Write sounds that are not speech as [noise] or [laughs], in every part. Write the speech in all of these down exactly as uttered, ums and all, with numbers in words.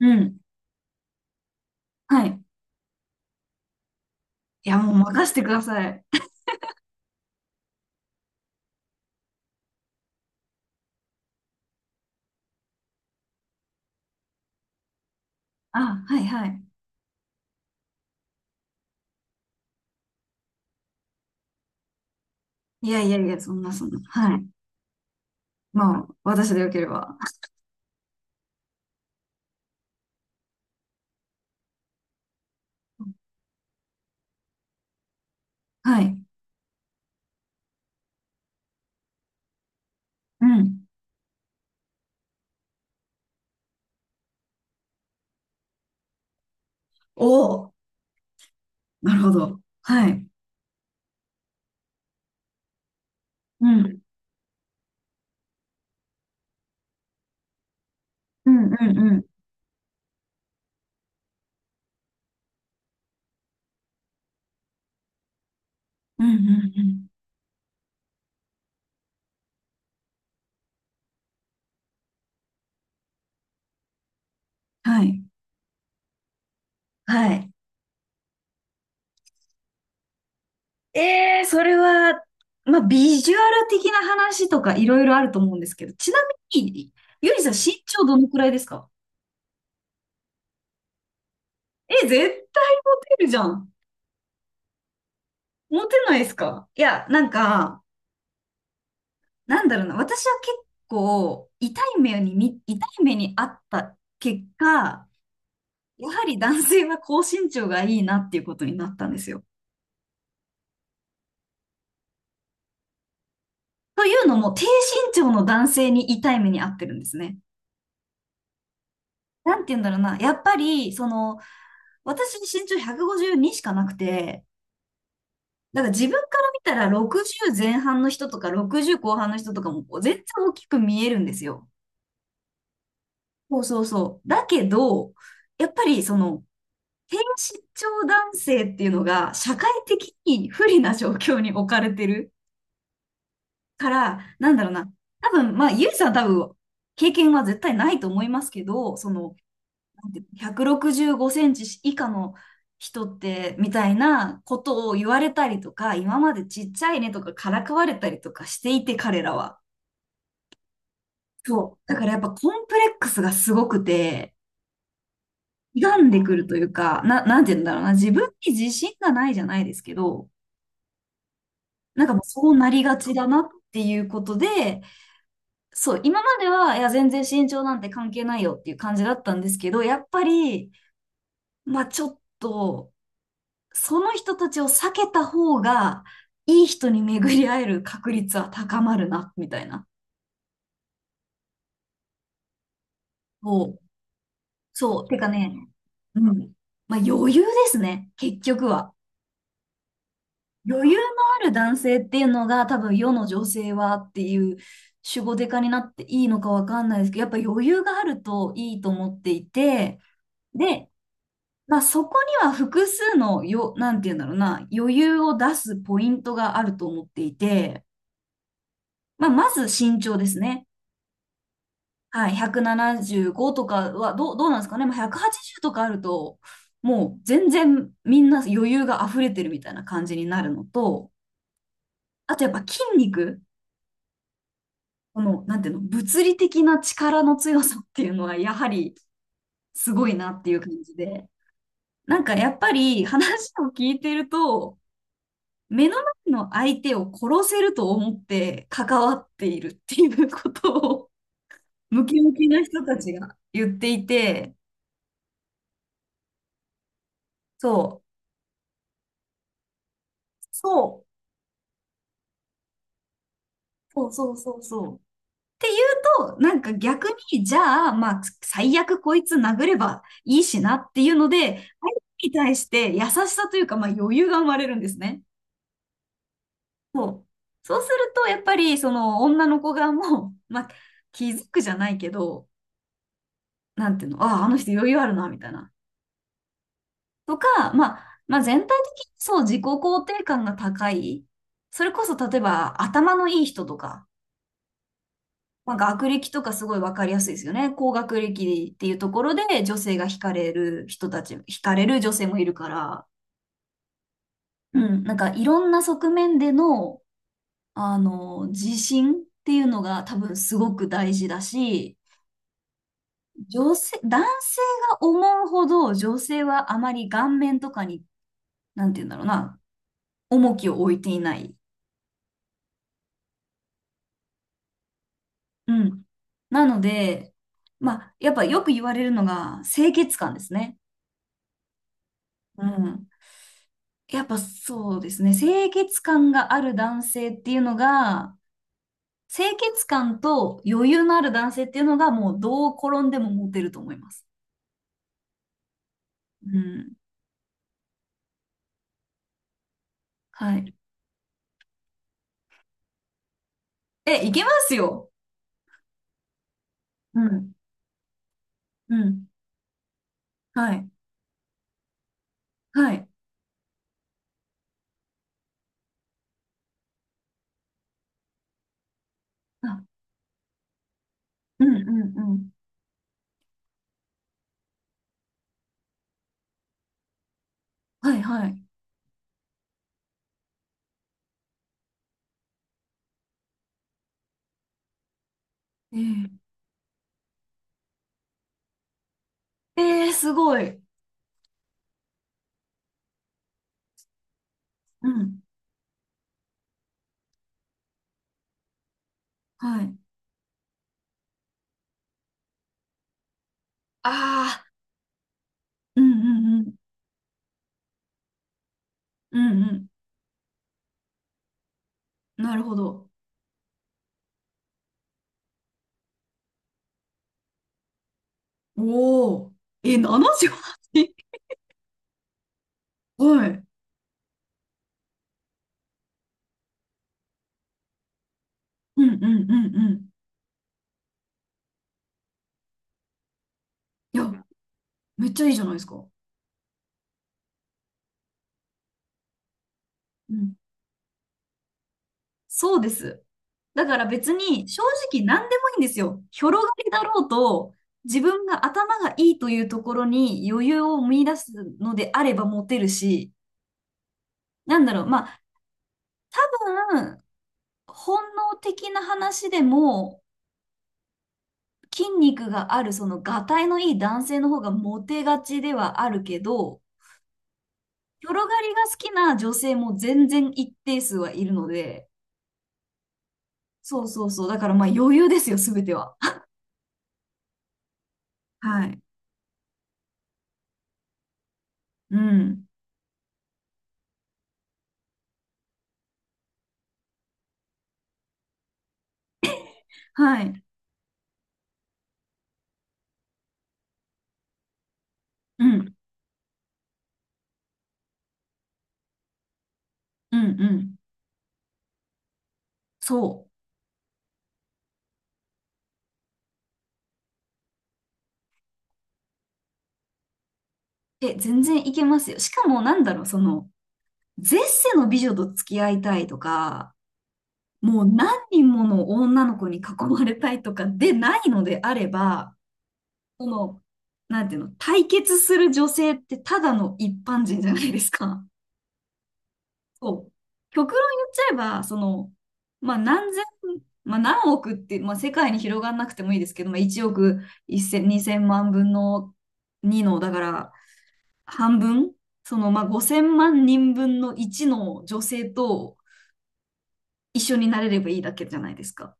うん。はい。いや、もう任せてください。あ、はいはい。いやいやいや、そんなそんな。はい。まあ、私でよければ。はい。うん。おお、なるほど。はい。うん。うんうんうん。うんうんうん。はい。はい。えー、それは、まあ、ビジュアル的な話とかいろいろあると思うんですけど、ちなみに、ゆりさん身長どのくらいですか？え、絶対モテるじゃん。モテないですか？いや、なんか、なんだろうな、私は結構痛い目に見、痛い目にあった結果、やはり男性は高身長がいいなっていうことになったんですよ。というのも、低身長の男性に痛い目にあってるんですね。なんて言うんだろうな、やっぱり、その、私身長ひゃくごじゅうにしかなくて、だから自分から見たらろくじゅう前半の人とかろくじゅう後半の人とかもこう全然大きく見えるんですよ。そうそうそう。だけど、やっぱりその、低身長男性っていうのが社会的に不利な状況に置かれてるから、なんだろうな。多分、まあ、ゆいさんは多分、経験は絶対ないと思いますけど、その、なんていうのひゃくろくじゅうごセンチ以下の人って、みたいなことを言われたりとか、今までちっちゃいねとかからかわれたりとかしていて、彼らは。そう。だからやっぱコンプレックスがすごくて、歪んでくるというか、な、なんて言うんだろうな。自分に自信がないじゃないですけど、なんかもうそうなりがちだなっていうことで、そう、今までは、いや、全然身長なんて関係ないよっていう感じだったんですけど、やっぱり、まあちょっと、その人たちを避けた方が、いい人に巡り会える確率は高まるな、みたいな。そう。そう。てかね、うん。まあ余裕ですね、結局は。余裕のある男性っていうのが多分世の女性はっていう、主語デカになっていいのかわかんないですけど、やっぱ余裕があるといいと思っていて、で、まあそこには複数のよ、なんて言うんだろうな、余裕を出すポイントがあると思っていて、まあまず身長ですね。はい、ひゃくななじゅうごとかはどう、どうなんですかね。まあひゃくはちじゅうとかあると、もう全然みんな余裕が溢れてるみたいな感じになるのと、あとやっぱ筋肉。この、なんていうの、物理的な力の強さっていうのは、やはりすごいなっていう感じで、なんかやっぱり話を聞いてると、目の前の相手を殺せると思って関わっているっていうことを、ムキムキな人たちが言っていて、そう、そう、そうそうそうそう。と、なんか逆に、じゃあ、まあ、最悪こいつ殴ればいいしなっていうので、相手に対して優しさというか、まあ余裕が生まれるんですね。そう。そうすると、やっぱり、その、女の子側も、[laughs] まあ、気づくじゃないけど、なんていうの、ああ、あの人余裕あるな、みたいな。とか、まあ、まあ、全体的にそう、自己肯定感が高い。それこそ、例えば、頭のいい人とか、まあ、学歴とかすごいわかりやすいですよね。高学歴っていうところで、女性が惹かれる人たち、惹かれる女性もいるから、うん、なんか、いろんな側面での、あの、自信っていうのが多分すごく大事だし、女性、男性が思うほど女性はあまり顔面とかに、なんて言うんだろうな、重きを置いていない。うん。なので、まあ、やっぱよく言われるのが清潔感ですね。うん。やっぱそうですね。清潔感がある男性っていうのが、清潔感と余裕のある男性っていうのがもうどう転んでもモテると思います。うん。はい。え、いけますよ。うん。うん。はい。はい。あ、うんうんうん。はいはい。えええー、すごい。うん。はい。ああ、うんうんうん。うんうん。なるほど。おお。え、ななじゅうはち？ はち [laughs] はい。うんうんうんうん。いや、めっちゃいいじゃないですか。うん。そうです。だから別に正直何でもいいんですよ。広がりだろうと、自分が頭がいいというところに余裕を見出すのであればモテるし、なんだろう。まあ、多分本能的な話でも、筋肉がある、その、がたいのいい男性の方がモテがちではあるけど、広がりが好きな女性も全然一定数はいるので、そうそうそう。だからまあ余裕ですよ、すべては。はい。うん。はい。うん。うん。うん。そう。え、全然いけますよ。しかもなんだろう、その、絶世の美女と付き合いたいとか、もう何人もの女の子に囲まれたいとかでないのであれば、その、なんていうの、対決する女性ってただの一般人じゃないですか。[laughs] そう。極論言っちゃえば、その、まあ何千、まあ何億って、まあ世界に広がんなくてもいいですけど、まあいちおくいち ぜろ ぜろせんにせんまんぶんのにの、だから半分、そのまあごせんまん人分のいちの女性と一緒になれればいいだけじゃないですか。っ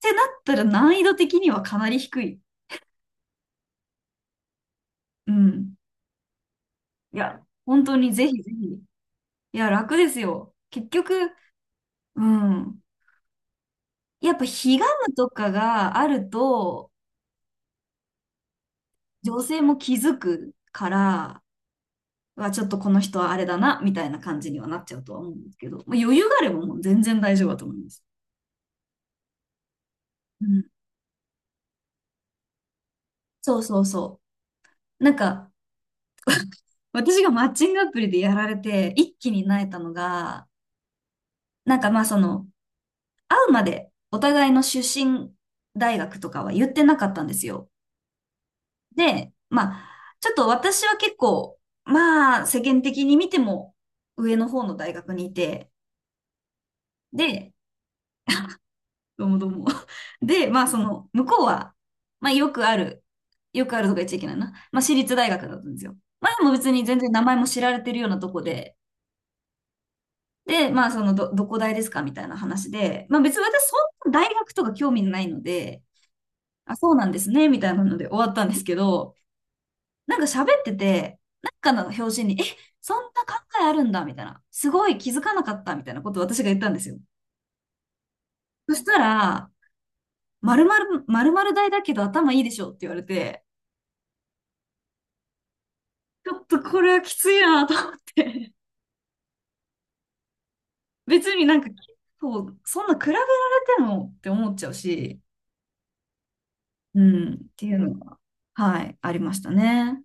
てなったら難易度的にはかなり低い。うん。いや、本当にぜひぜひ。いや、楽ですよ。結局、うん。やっぱ、彼岸とかがあると、女性も気づくから、はちょっとこの人はあれだな、みたいな感じにはなっちゃうとは思うんですけど、まあ、余裕があればもう全然大丈夫だと思います。うん。そうそうそう。なんか、私がマッチングアプリでやられて、一気になえたのが、なんかまあ、その、会うまでお互いの出身大学とかは言ってなかったんですよ。で、まあ、ちょっと私は結構、まあ、世間的に見ても上の方の大学にいて、で、どうもどうも。[laughs] で、まあ、その、向こうは、まあ、よくある、よくあるとか言っちゃいけないな。まあ、私立大学だったんですよ。まあ、でも別に全然名前も知られてるようなとこで、で、まあ、その、ど、どこ大ですかみたいな話で、まあ、別に私、そんな大学とか興味ないので、あ、そうなんですね、みたいなので終わったんですけど、なんか喋ってて、なんかの表紙に、え、そんな考えあるんだ、みたいな。すごい気づかなかった、みたいなことを私が言ったんですよ。そしたら、〇〇、〇〇大だけど頭いいでしょって言われて、ちょっとこれはきついなと思って。[laughs] 別になんか、そう、そんな比べられてもって思っちゃうし、うん、っていうのが、はい、ありましたね。